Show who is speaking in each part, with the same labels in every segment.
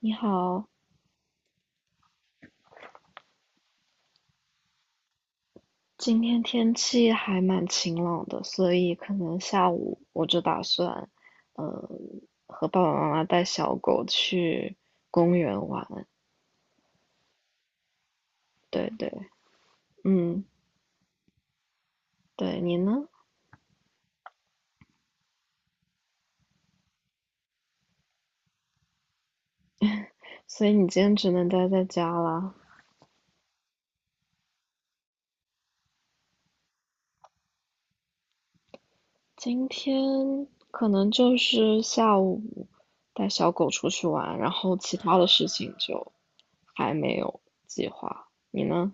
Speaker 1: 你好，今天天气还蛮晴朗的，所以可能下午我就打算，呃，和爸爸妈妈带小狗去公园玩。对对，嗯，对，你呢？所以你今天只能待在家啦。今天可能就是下午带小狗出去玩，然后其他的事情就还没有计划。你呢？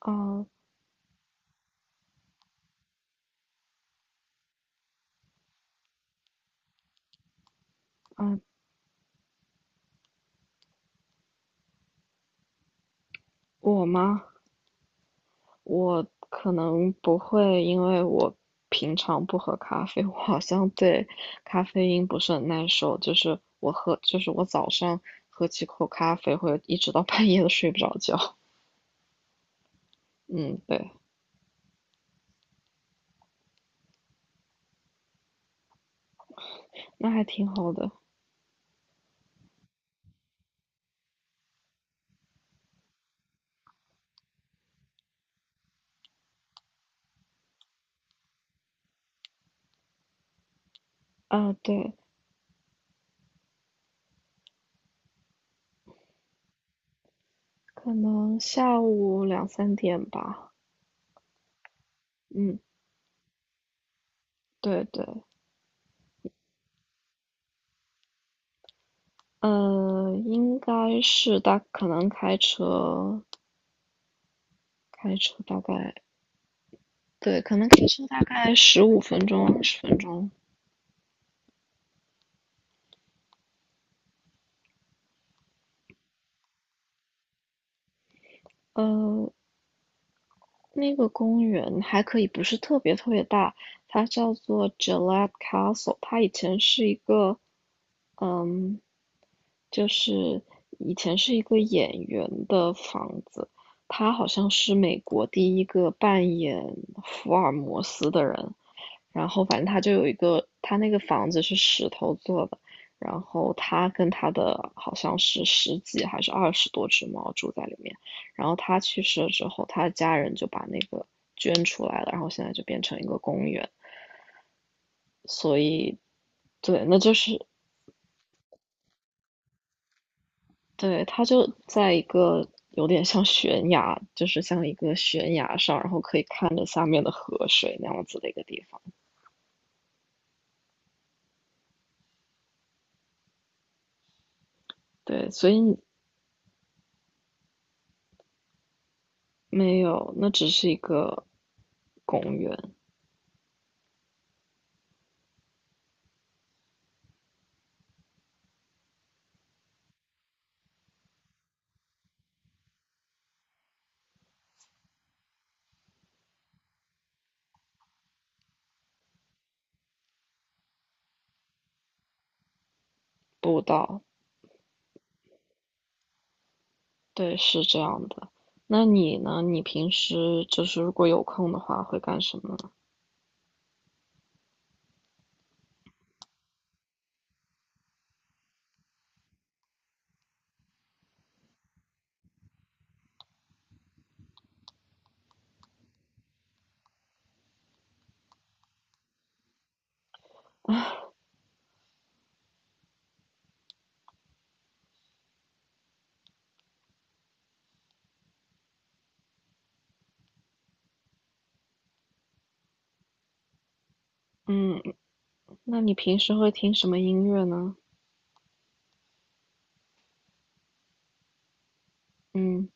Speaker 1: 啊啊，我吗？我可能不会，因为我平常不喝咖啡，我好像对咖啡因不是很耐受。就是我喝，就是我早上喝几口咖啡，会一直到 半夜都睡不着觉。嗯，对，那还挺好的。啊，对，可能下午两三点吧。嗯，对对，应该是大，可能开车，开车大概，对，可能开车大概15分钟、20分钟。呃，那个公园还可以不是特别特别大，它叫做 g i l l e t Castle。它以前是一个，嗯，就是以前是一个演员的房子。他好像是美国第一个扮演福尔摩斯的人。然后反正他就有一个，他那个房子是石头做的，然后他跟他的好像是十几还是二十多只猫住在里面，然后他去世了之后，他的家人就把那个捐出来了，然后现在就变成一个公园，所以对，那就是对，他就在一个有点像悬崖，就是像一个悬崖上，然后可以看着下面的河水那样子的一个地方，对，所以没有，那只是一个公园。不到，对，是这样的。那你呢？你平时就是如果有空的话，会干什么呢？嗯，那你平时会听什么音乐呢？嗯，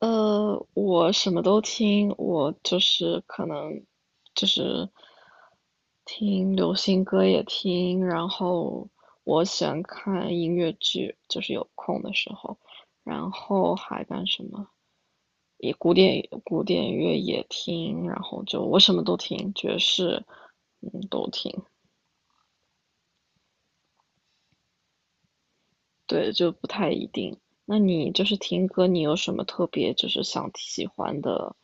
Speaker 1: 我什么都听，我就是可能就是听流行歌也听，然后我喜欢看音乐剧，就是有空的时候，然后还干什么？也古典乐也听，然后就我什么都听，爵士，嗯，都听。对，就不太一定。那你就是听歌，你有什么特别就是想喜欢的，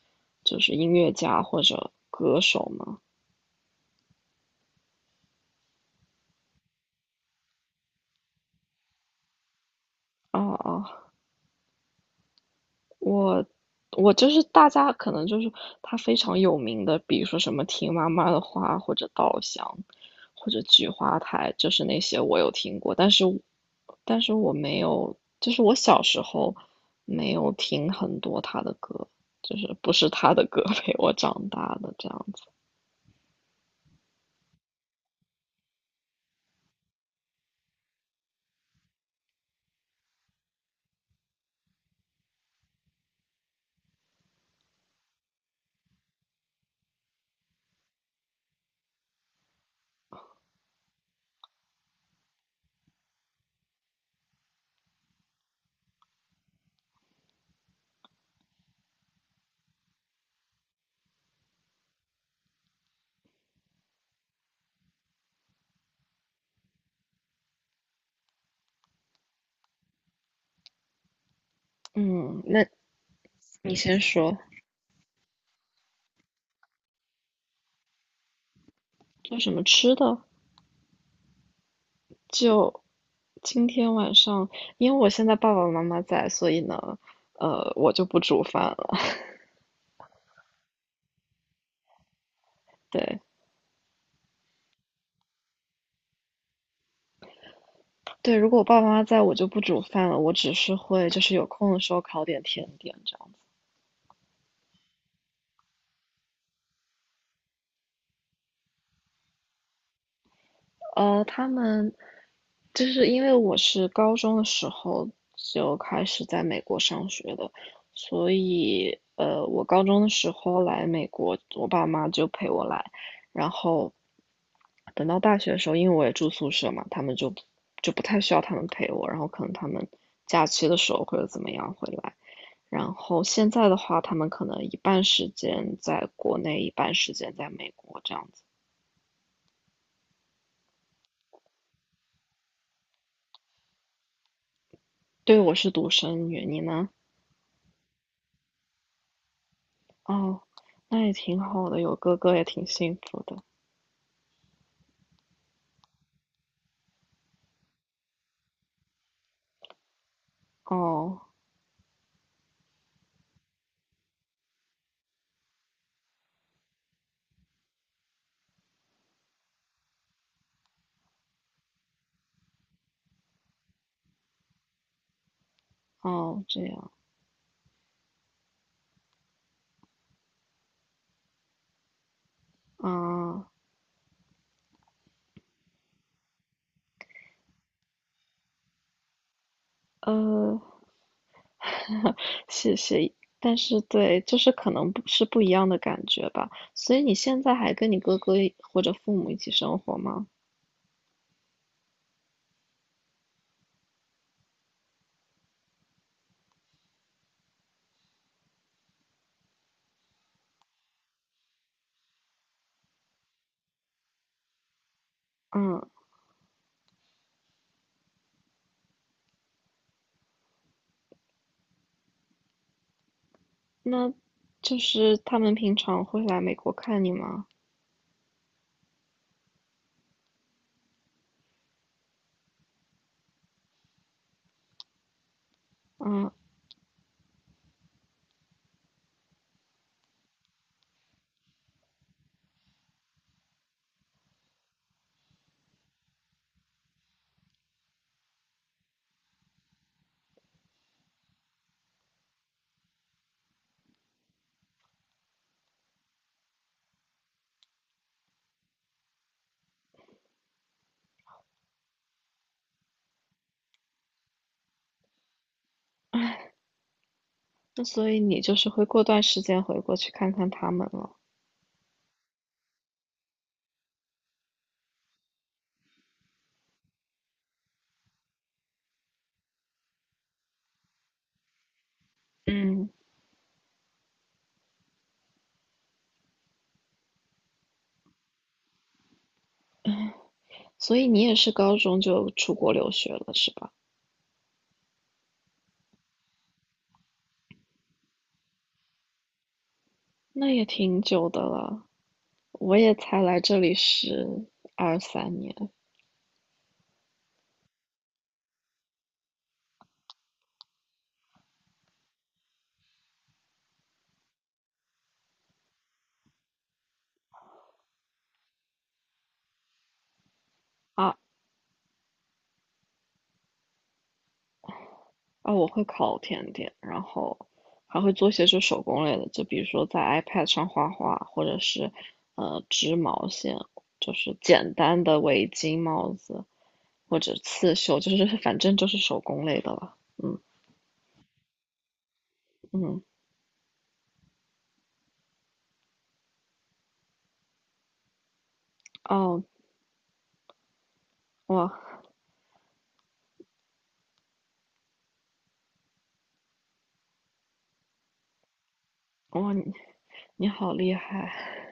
Speaker 1: 就是音乐家或者歌手吗？哦哦，我我就是大家可能就是它非常有名的，比如说什么听妈妈的话，或者稻香，或者菊花台，就是那些我有听过，但是但是我没有，就是我小时候没有听很多他的歌，就是不是他的歌 陪我长大的这样子。嗯，那你先说，做什么吃的？就今天晚上，因为我现在爸爸妈妈在，所以呢，我就不煮饭了。对。对，如果我爸爸妈妈在，我就不煮饭了，我只是会就是有空的时候烤点甜点这样。他们就是因为我是高中的时候就开始在美国上学的，所以我高中的时候来美国，我爸妈就陪我来，然后等到大学的时候，因为我也住宿舍嘛，他们就不太需要他们陪我，然后可能他们假期的时候或者怎么样回来，然后现在的话，他们可能一半时间在国内，一半时间在美国这样子。对，我是独生女，你呢？哦，那也挺好的，有哥哥也挺幸福的。哦，哦，这样啊，呃，谢谢。但是对，就是可能不一样的感觉吧。所以你现在还跟你哥哥一或者父母一起生活吗？嗯，那就是他们平常会来美国看你吗？嗯，那所以你就是会过段时间回国去看看他们了。嗯，所以你也是高中就出国留学了，是吧？那也挺久的了，我也才来这里十二三年啊啊！我会烤甜点，然后还会做些就手工类的，就比如说在 iPad 上画画，或者是织毛线，就是简单的围巾、帽子或者刺绣，就是反正就是手工类的了。嗯嗯，哦哇哇，你好厉害！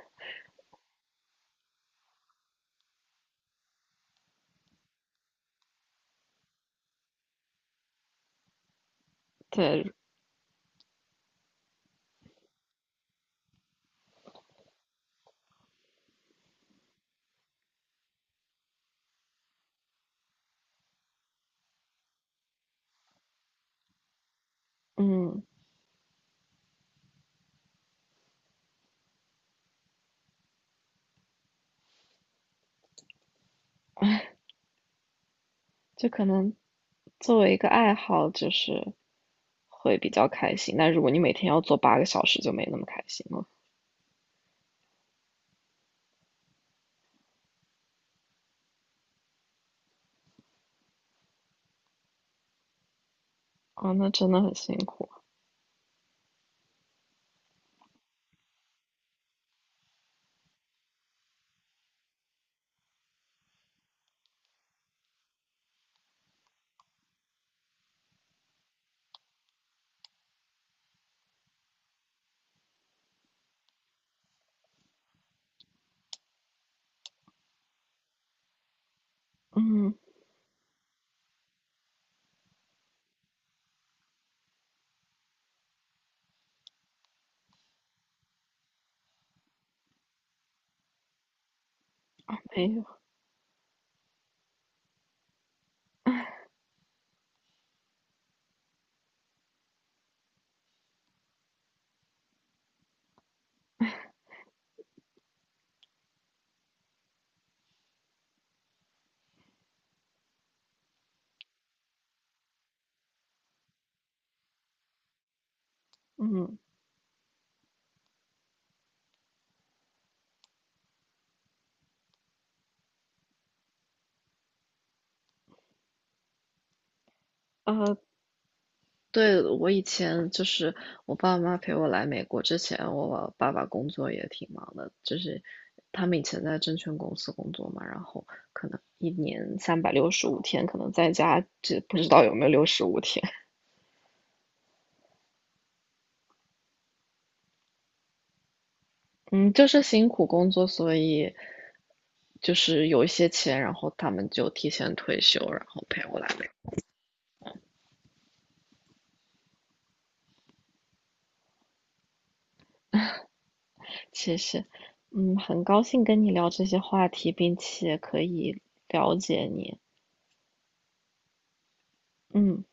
Speaker 1: 对，嗯。就可能作为一个爱好，就是会比较开心。但如果你每天要做8个小时，就没那么开心了。啊，那真的很辛苦。嗯，没有，嗯，啊，对，我以前就是我爸妈陪我来美国之前，我爸爸工作也挺忙的，就是他们以前在证券公司工作嘛，然后可能一年365天，可能在家这不知道有没有六十五天，嗯，就是辛苦工作，所以就是有一些钱，然后他们就提前退休，然后陪我来美国。谢实，嗯，很高兴跟你聊这些话题，并且可以了解你。嗯。